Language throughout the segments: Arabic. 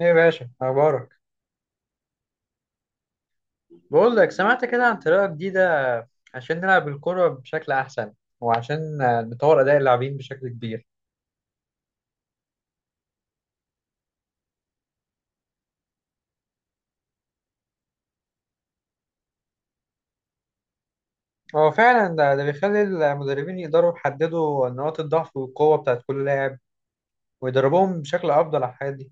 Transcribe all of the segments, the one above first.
ايه يا باشا اخبارك؟ بقول لك سمعت كده عن طريقه جديده عشان نلعب الكره بشكل احسن، وعشان نطور اداء اللاعبين بشكل كبير. هو فعلا ده بيخلي المدربين يقدروا يحددوا نقاط الضعف والقوه بتاعت كل لاعب ويدربوهم بشكل افضل على الحاجات دي.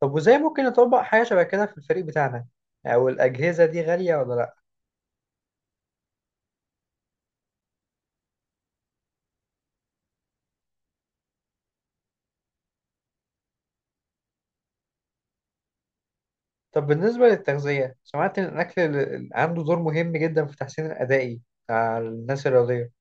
طب وازاي ممكن نطبق حاجه شبه كده في الفريق بتاعنا؟ او الاجهزه دي غاليه ولا لا؟ طب بالنسبه للتغذيه، سمعت ان الاكل عنده دور مهم جدا في التحسين الادائي على الناس الرياضيه.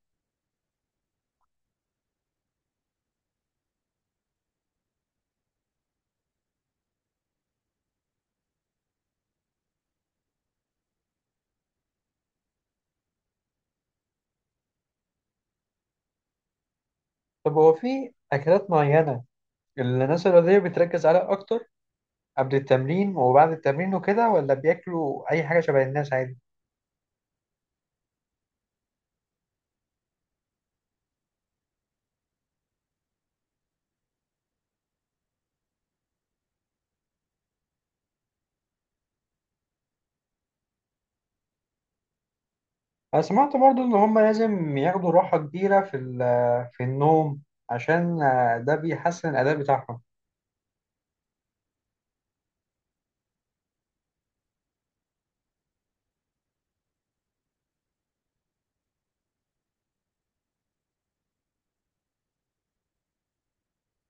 طب هو في اكلات معينه الناس الرياضية بتركز عليها أكتر قبل التمرين وبعد التمرين وكده، ولا بياكلوا أي حاجة شبه الناس عادي؟ أنا سمعت برضو إن هما لازم ياخدوا راحة كبيرة في في النوم، عشان ده بيحسن الأداء بتاعهم.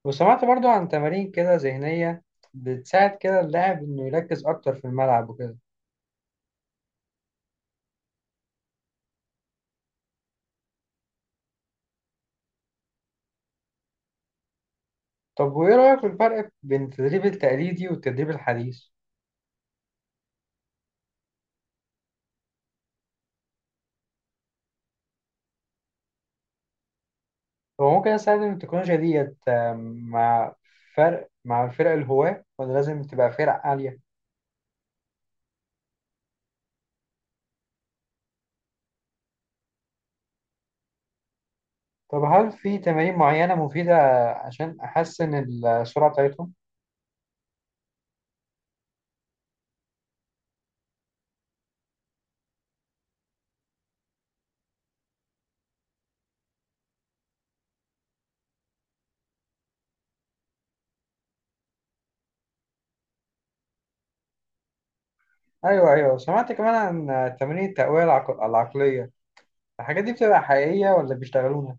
وسمعت برضو عن تمارين كده ذهنية بتساعد كده اللاعب إنه يركز أكتر في الملعب وكده. طب وإيه رأيك في الفرق بين التدريب التقليدي والتدريب الحديث؟ هو ممكن أستخدم التكنولوجيا ديت مع مع الفرق الهواة ولا لازم تبقى فرق عالية؟ طب هل في تمارين معينة مفيدة عشان أحسن السرعة بتاعتهم؟ أيوه أيوه، سمعت كمان عن تمارين التقوية العقلية، الحاجات دي بتبقى حقيقية ولا بيشتغلوها؟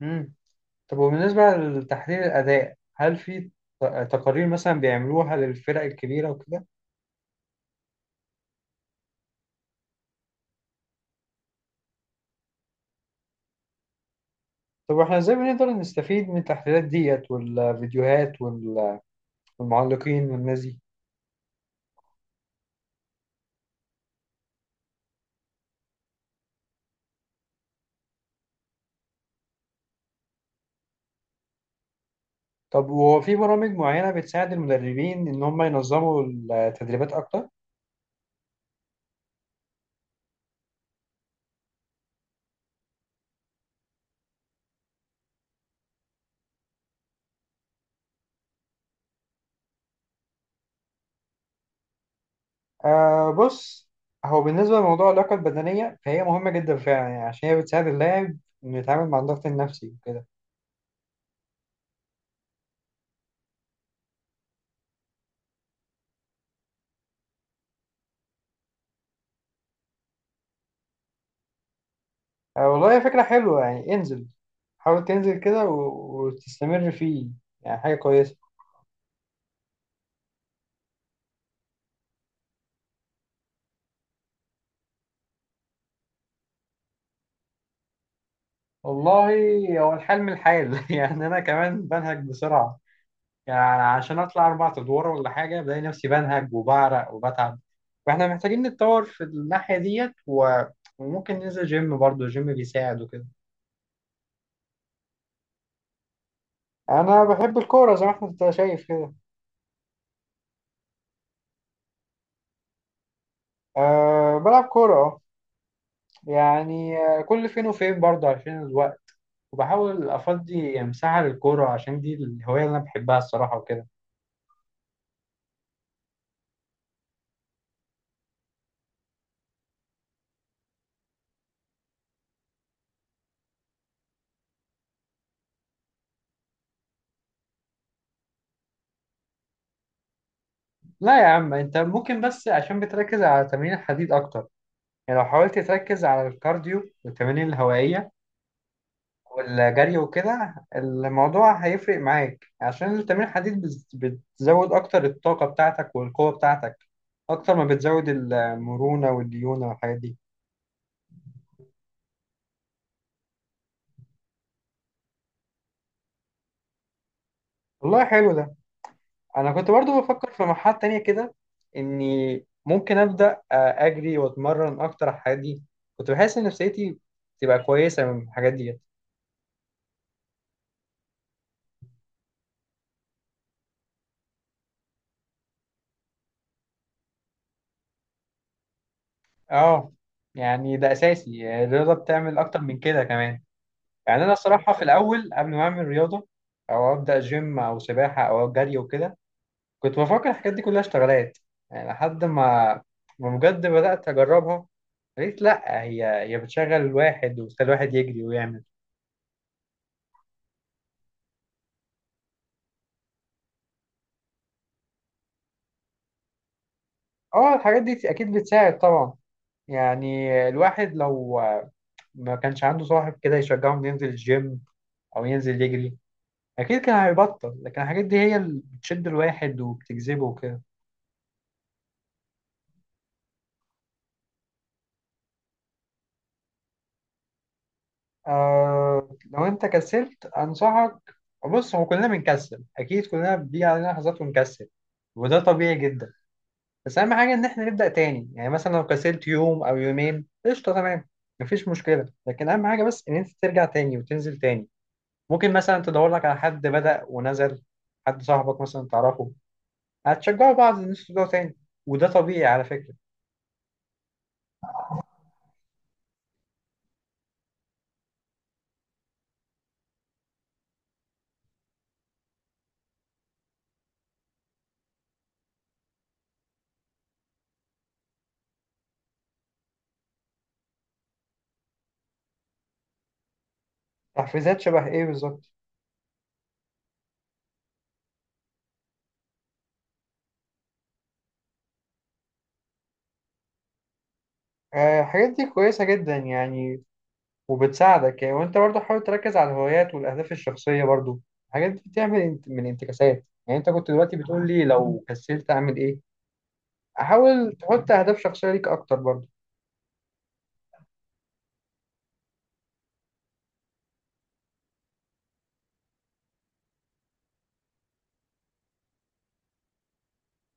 مم. طب وبالنسبة لتحليل الأداء، هل في ت- تقارير مثلا بيعملوها للفرق الكبيرة وكده؟ طب واحنا ازاي بنقدر نستفيد من التحليلات ديت والفيديوهات والمعلقين والناس دي؟ طب وهو في برامج معينة بتساعد المدربين إن هم ينظموا التدريبات أكتر؟ آه، بص، هو بالنسبة لموضوع اللياقة البدنية فهي مهمة جدا فعلا يعني، عشان هي بتساعد اللاعب إنه يتعامل مع الضغط النفسي وكده. آه والله هي فكرة حلوة، يعني انزل، حاول تنزل كده وتستمر فيه، يعني حاجة كويسة. والله هو الحال من الحال يعني أنا كمان بنهج بسرعة، يعني عشان أطلع أربع أدوار ولا حاجة بلاقي نفسي بنهج وبعرق وبتعب. فإحنا محتاجين نتطور في الناحية ديت وممكن ننزل جيم برضه، الجيم بيساعد وكده. انا بحب الكوره زي ما انت شايف كده. أه بلعب كوره اه، يعني كل فين وفين برضه عشان الوقت. وبحاول افضي مساحه للكوره عشان دي الهوايه اللي انا بحبها الصراحه وكده. لا يا عم، انت ممكن بس عشان بتركز على تمرين الحديد اكتر، يعني لو حاولت تركز على الكارديو والتمارين الهوائيه والجري وكده الموضوع هيفرق معاك، عشان التمرين الحديد بتزود اكتر الطاقه بتاعتك والقوه بتاعتك اكتر ما بتزود المرونه والديونه والحاجات دي. والله حلو ده، انا كنت برضو بفكر في مرحله تانية كده، اني ممكن ابدا اجري واتمرن اكتر على الحاجات دي، كنت بحس ان نفسيتي تبقى كويسه من الحاجات دي. اه يعني ده اساسي، يعني الرياضه بتعمل اكتر من كده كمان. يعني انا الصراحه في الاول قبل ما اعمل رياضه او ابدا جيم او سباحه او جري وكده كنت بفكر الحاجات دي كلها اشتغالات، يعني لحد ما بجد بدات اجربها، قلت لا، هي بتشغل الواحد وبتخلي الواحد يجري ويعمل. اه الحاجات دي اكيد بتساعد طبعا. يعني الواحد لو ما كانش عنده صاحب كده يشجعه انه ينزل الجيم او ينزل يجري اكيد كان هيبطل، لكن الحاجات دي هي اللي بتشد الواحد وبتجذبه وكده. آه، لو انت كسلت انصحك، بص هو كلنا بنكسل، اكيد كلنا بيجي علينا لحظات ونكسل، وده طبيعي جدا، بس اهم حاجه ان احنا نبدا تاني. يعني مثلا لو كسلت يوم او يومين قشطه تمام، مفيش مشكله، لكن اهم حاجه بس ان انت ترجع تاني وتنزل تاني. ممكن مثلا تدور لك على حد بدأ ونزل، حد صاحبك مثلا تعرفه، هتشجعوا بعض ان انتوا تبدأوا تاني، وده طبيعي على فكرة. تحفيزات شبه ايه بالظبط؟ الحاجات دي كويسة جدا يعني، وبتساعدك يعني. وانت برضه حاول تركز على الهوايات والاهداف الشخصية برضه، الحاجات دي بتعمل من انتكاسات، يعني انت كنت دلوقتي بتقول لي لو كسلت اعمل ايه. حاول تحط اهداف شخصية ليك اكتر برضه.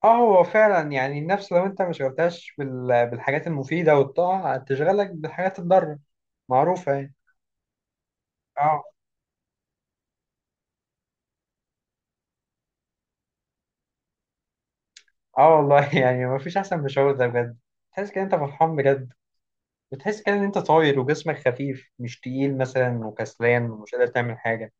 اه هو فعلا، يعني النفس لو انت ما شغلتهاش بالحاجات المفيدة والطاعة هتشغلك بالحاجات الضارة، معروفة يعني. اه. اه والله يعني مفيش احسن من الشعور ده بجد، تحس كده انت فرحان بجد، بتحس كده ان انت طاير وجسمك خفيف مش تقيل مثلا وكسلان ومش قادر تعمل حاجه.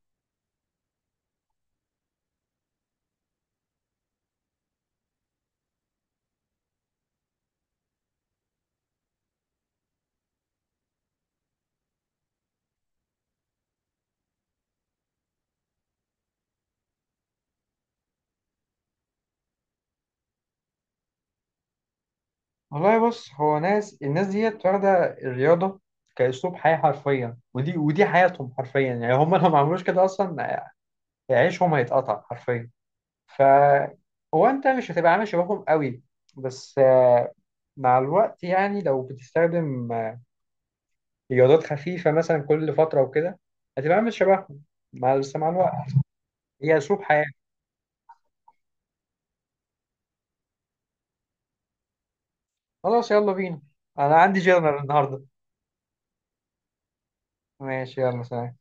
والله بص، هو الناس ديت واخده الرياضه كاسلوب حياه حرفيا، ودي حياتهم حرفيا، يعني هم لو ما عملوش كده اصلا عيشهم هيتقطع حرفيا. ف هو انت مش هتبقى عامل شبههم قوي، بس مع الوقت، يعني لو بتستخدم رياضات خفيفه مثلا كل فتره وكده هتبقى عامل شبههم، بس مع الوقت. هي اسلوب حياة. خلاص يلا بينا، انا عندي جنرال النهارده. ماشي يلا سلام.